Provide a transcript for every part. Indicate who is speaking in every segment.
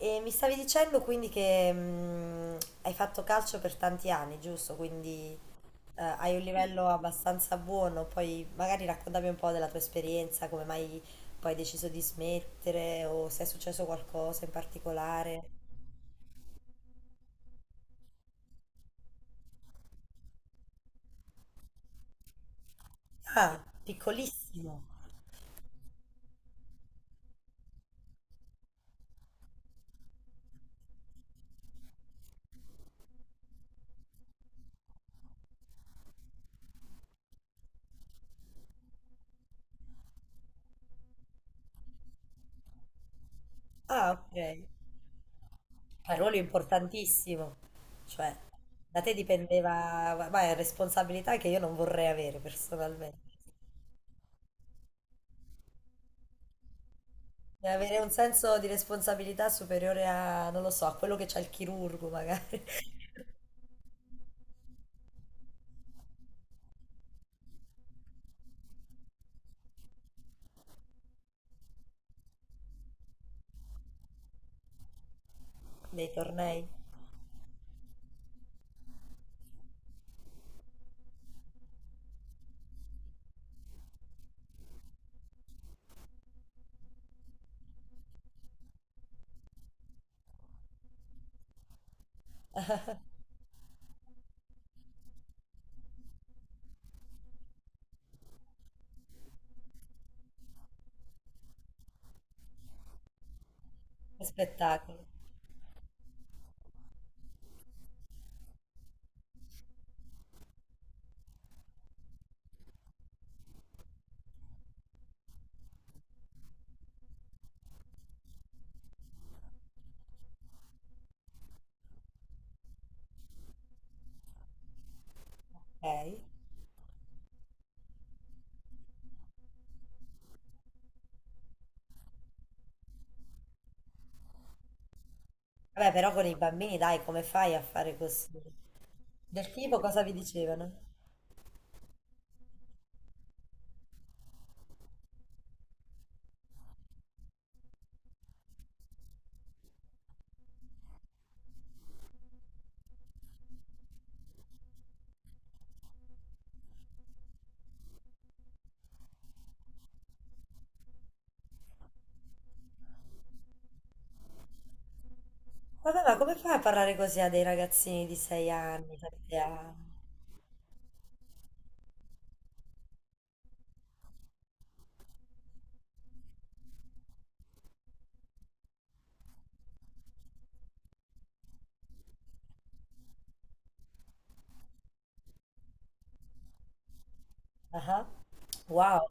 Speaker 1: E mi stavi dicendo quindi che hai fatto calcio per tanti anni, giusto? Quindi hai un livello abbastanza buono, poi magari raccontami un po' della tua esperienza, come mai poi hai deciso di smettere o se è successo qualcosa in particolare. Ah, piccolissimo. Ah, ok. Un ruolo importantissimo. Cioè, da te dipendeva, ma è responsabilità che io non vorrei avere personalmente. E avere un senso di responsabilità superiore a, non lo so, a quello che c'ha il chirurgo magari, nei tornei, che spettacolo. Ok. Vabbè, però con i bambini, dai, come fai a fare così? Del tipo, cosa vi dicevano? Vabbè, ma come fai a parlare così a dei ragazzini di 6 anni, 7 anni? Ah, wow.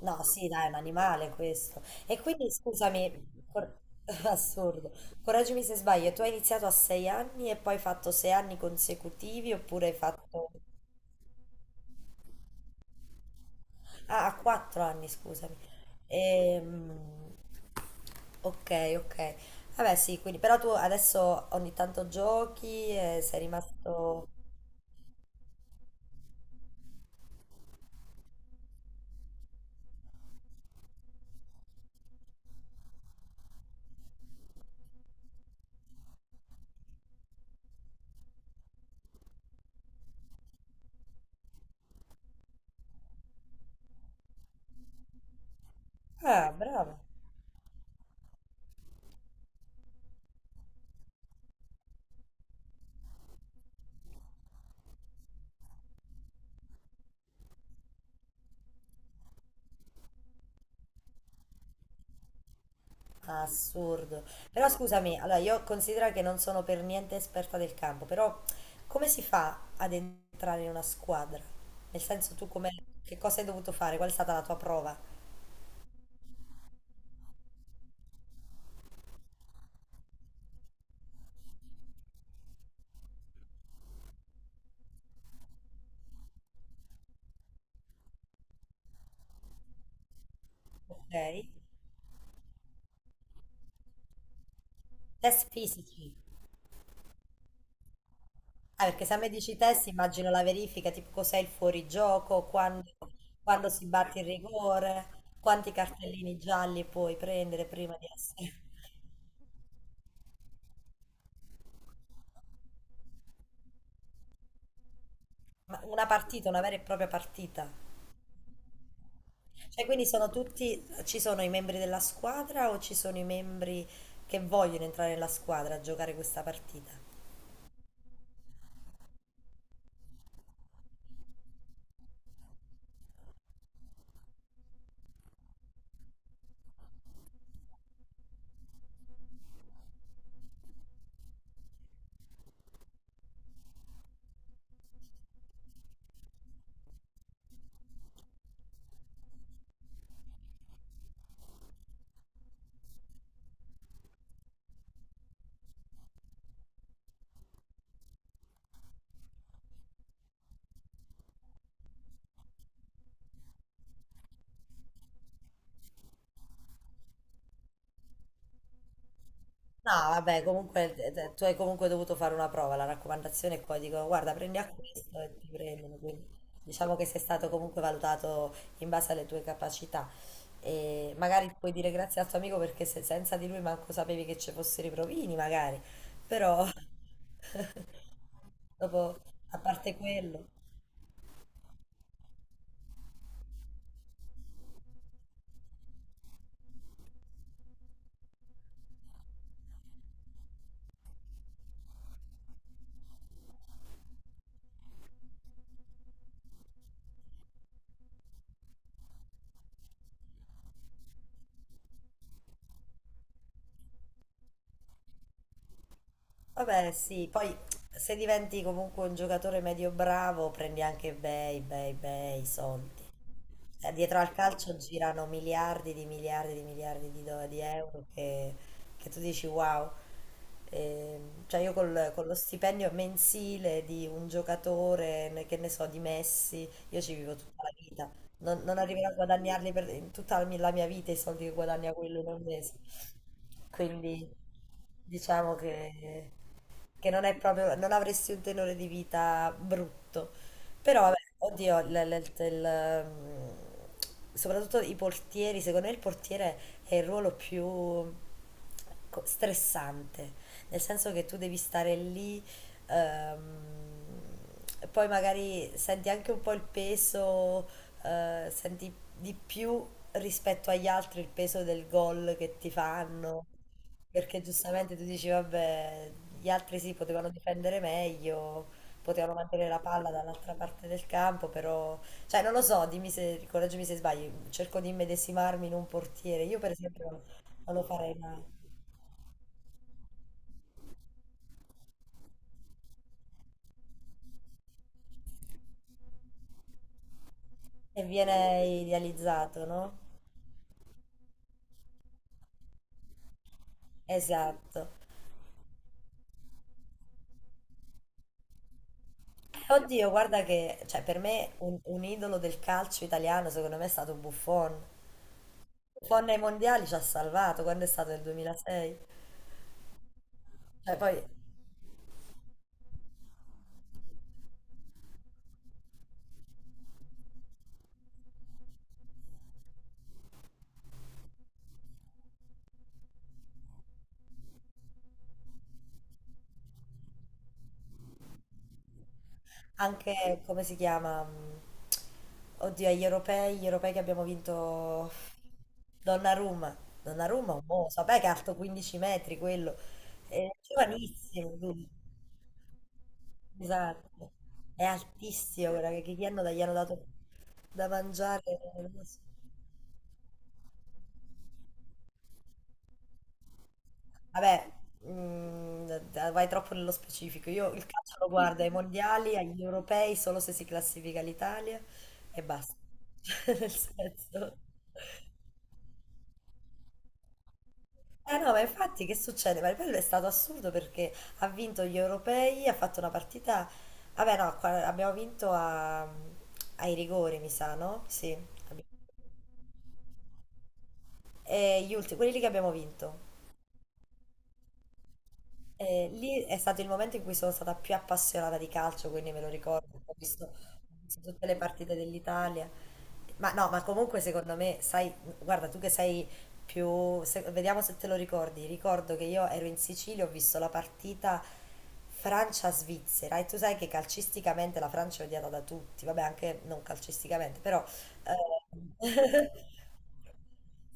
Speaker 1: No, sì, dai, è un animale questo. E quindi scusami, cor- assurdo, correggimi se sbaglio, tu hai iniziato a 6 anni e poi hai fatto 6 anni consecutivi oppure hai fatto... Ah, a 4 anni, scusami. Ehm, ok, ok. Vabbè, sì, quindi però tu adesso ogni tanto giochi e sei rimasto... Ah, bravo. Assurdo. Però scusami, allora io considero che non sono per niente esperta del campo, però come si fa ad entrare in una squadra? Nel senso tu come, che cosa hai dovuto fare? Qual è stata la tua prova? Ok. Test fisici. Ah, perché se a me dici test, immagino la verifica, tipo cos'è il fuorigioco, quando si batte il rigore, quanti cartellini gialli puoi prendere prima di essere... Ma una partita, una vera e propria partita. Cioè, quindi sono tutti, ci sono i membri della squadra o ci sono i membri che vogliono entrare nella squadra a giocare questa partita? No, vabbè, comunque tu hai comunque dovuto fare una prova, la raccomandazione e poi dicono guarda, prendi acquisto e ti prendono, quindi diciamo che sei stato comunque valutato in base alle tue capacità e magari puoi dire grazie al tuo amico perché se- senza di lui manco sapevi che ci fossero i provini, magari, però dopo, a parte quello. Vabbè, sì, poi se diventi comunque un giocatore medio bravo, prendi anche bei, bei, bei soldi. Dietro al calcio girano miliardi di miliardi di miliardi di euro che tu dici wow. Cioè io con lo stipendio mensile di un giocatore, che ne so, di Messi, io ci vivo tutta la vita. Non arriverò a guadagnarli per in tutta la mia vita i soldi che guadagna quello in un mese. Quindi diciamo che non è proprio, non avresti un tenore di vita brutto. Però, vabbè, oddio, soprattutto i portieri, secondo me il portiere è il ruolo più stressante, nel senso che tu devi stare lì, ehm, e poi magari senti anche un po' il peso, senti di più rispetto agli altri il peso del gol che ti fanno. Perché giustamente tu dici, vabbè, gli altri sì, potevano difendere meglio, potevano mantenere la palla dall'altra parte del campo, però... Cioè, non lo so, dimmi se, correggimi se sbaglio, cerco di immedesimarmi in un portiere. Io, per esempio, non lo farei mai. E viene idealizzato, no? Esatto. Oddio, guarda che, cioè, per me un idolo del calcio italiano, secondo me, è stato Buffon. Buffon nei mondiali ci ha salvato, quando è stato nel 2006. Cioè, poi anche, come si chiama? Oddio, agli europei, gli europei che abbiamo vinto... Donnarumma. Donnarumma è un mostro. Vabbè che è alto 15 metri quello. È giovanissimo lui. Esatto. È altissimo, guarda, che gli hanno dato da mangiare. Non lo so. Vabbè, vai troppo nello specifico. Io il calcio lo guardo ai mondiali, agli europei, solo se si classifica l'Italia e basta. Nel senso... Eh no, ma infatti che succede? Maripello è stato assurdo perché ha vinto gli europei, ha fatto una partita... Vabbè no, abbiamo vinto ai rigori, mi sa, no? Sì. Abbi- e gli ultimi, quelli lì che abbiamo vinto. E lì è stato il momento in cui sono stata più appassionata di calcio, quindi me lo ricordo. Ho visto tutte le partite dell'Italia. Ma no, ma comunque secondo me, sai, guarda, tu che sei più... vediamo se te lo ricordi. Ricordo che io ero in Sicilia, ho visto la partita Francia-Svizzera e tu sai che calcisticamente la Francia è odiata da tutti, vabbè, anche non calcisticamente, però... eh,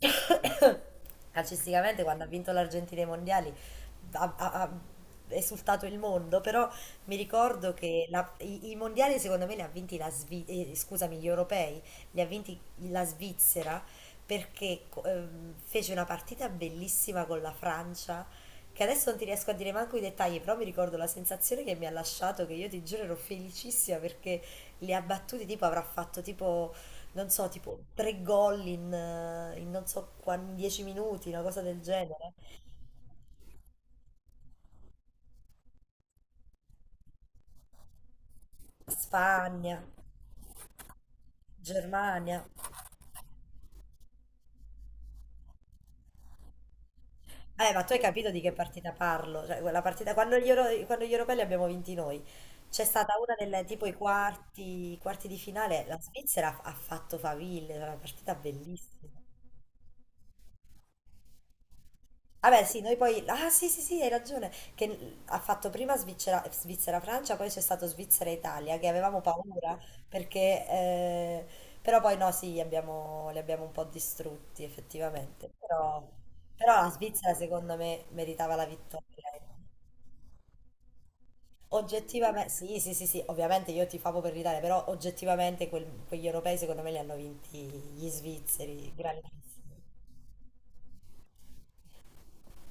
Speaker 1: calcisticamente quando ha vinto l'Argentina ai mondiali ha esultato il mondo, però mi ricordo che i mondiali secondo me li ha vinti la Svi- scusami, gli europei li ha vinti la Svizzera perché fece una partita bellissima con la Francia. Che adesso non ti riesco a dire manco i dettagli, però mi ricordo la sensazione che mi ha lasciato, che io ti giuro ero felicissima perché li ha battuti, tipo avrà fatto tipo non so, tipo 3 gol in non so quanti, 10 minuti, una cosa del genere. Spagna, Germania. Ma tu hai capito di che partita parlo? Cioè, quella partita, quando gli europei li abbiamo vinti noi, c'è stata una delle tipo i quarti, di finale, la Svizzera ha fatto faville, era una partita bellissima. Vabbè, sì, noi poi. Ah, sì, sì, sì, hai ragione. Che ha fatto prima Svizzera, Svizzera-Francia, poi c'è stato Svizzera-Italia, che avevamo paura perché. Però poi no, sì, li abbiamo un po' distrutti effettivamente. però, la Svizzera secondo me meritava la vittoria. Oggettivamente, sì, sì, sì, sì, ovviamente io tifavo per l'Italia, però oggettivamente quegli europei secondo me li hanno vinti gli svizzeri, grandissimi.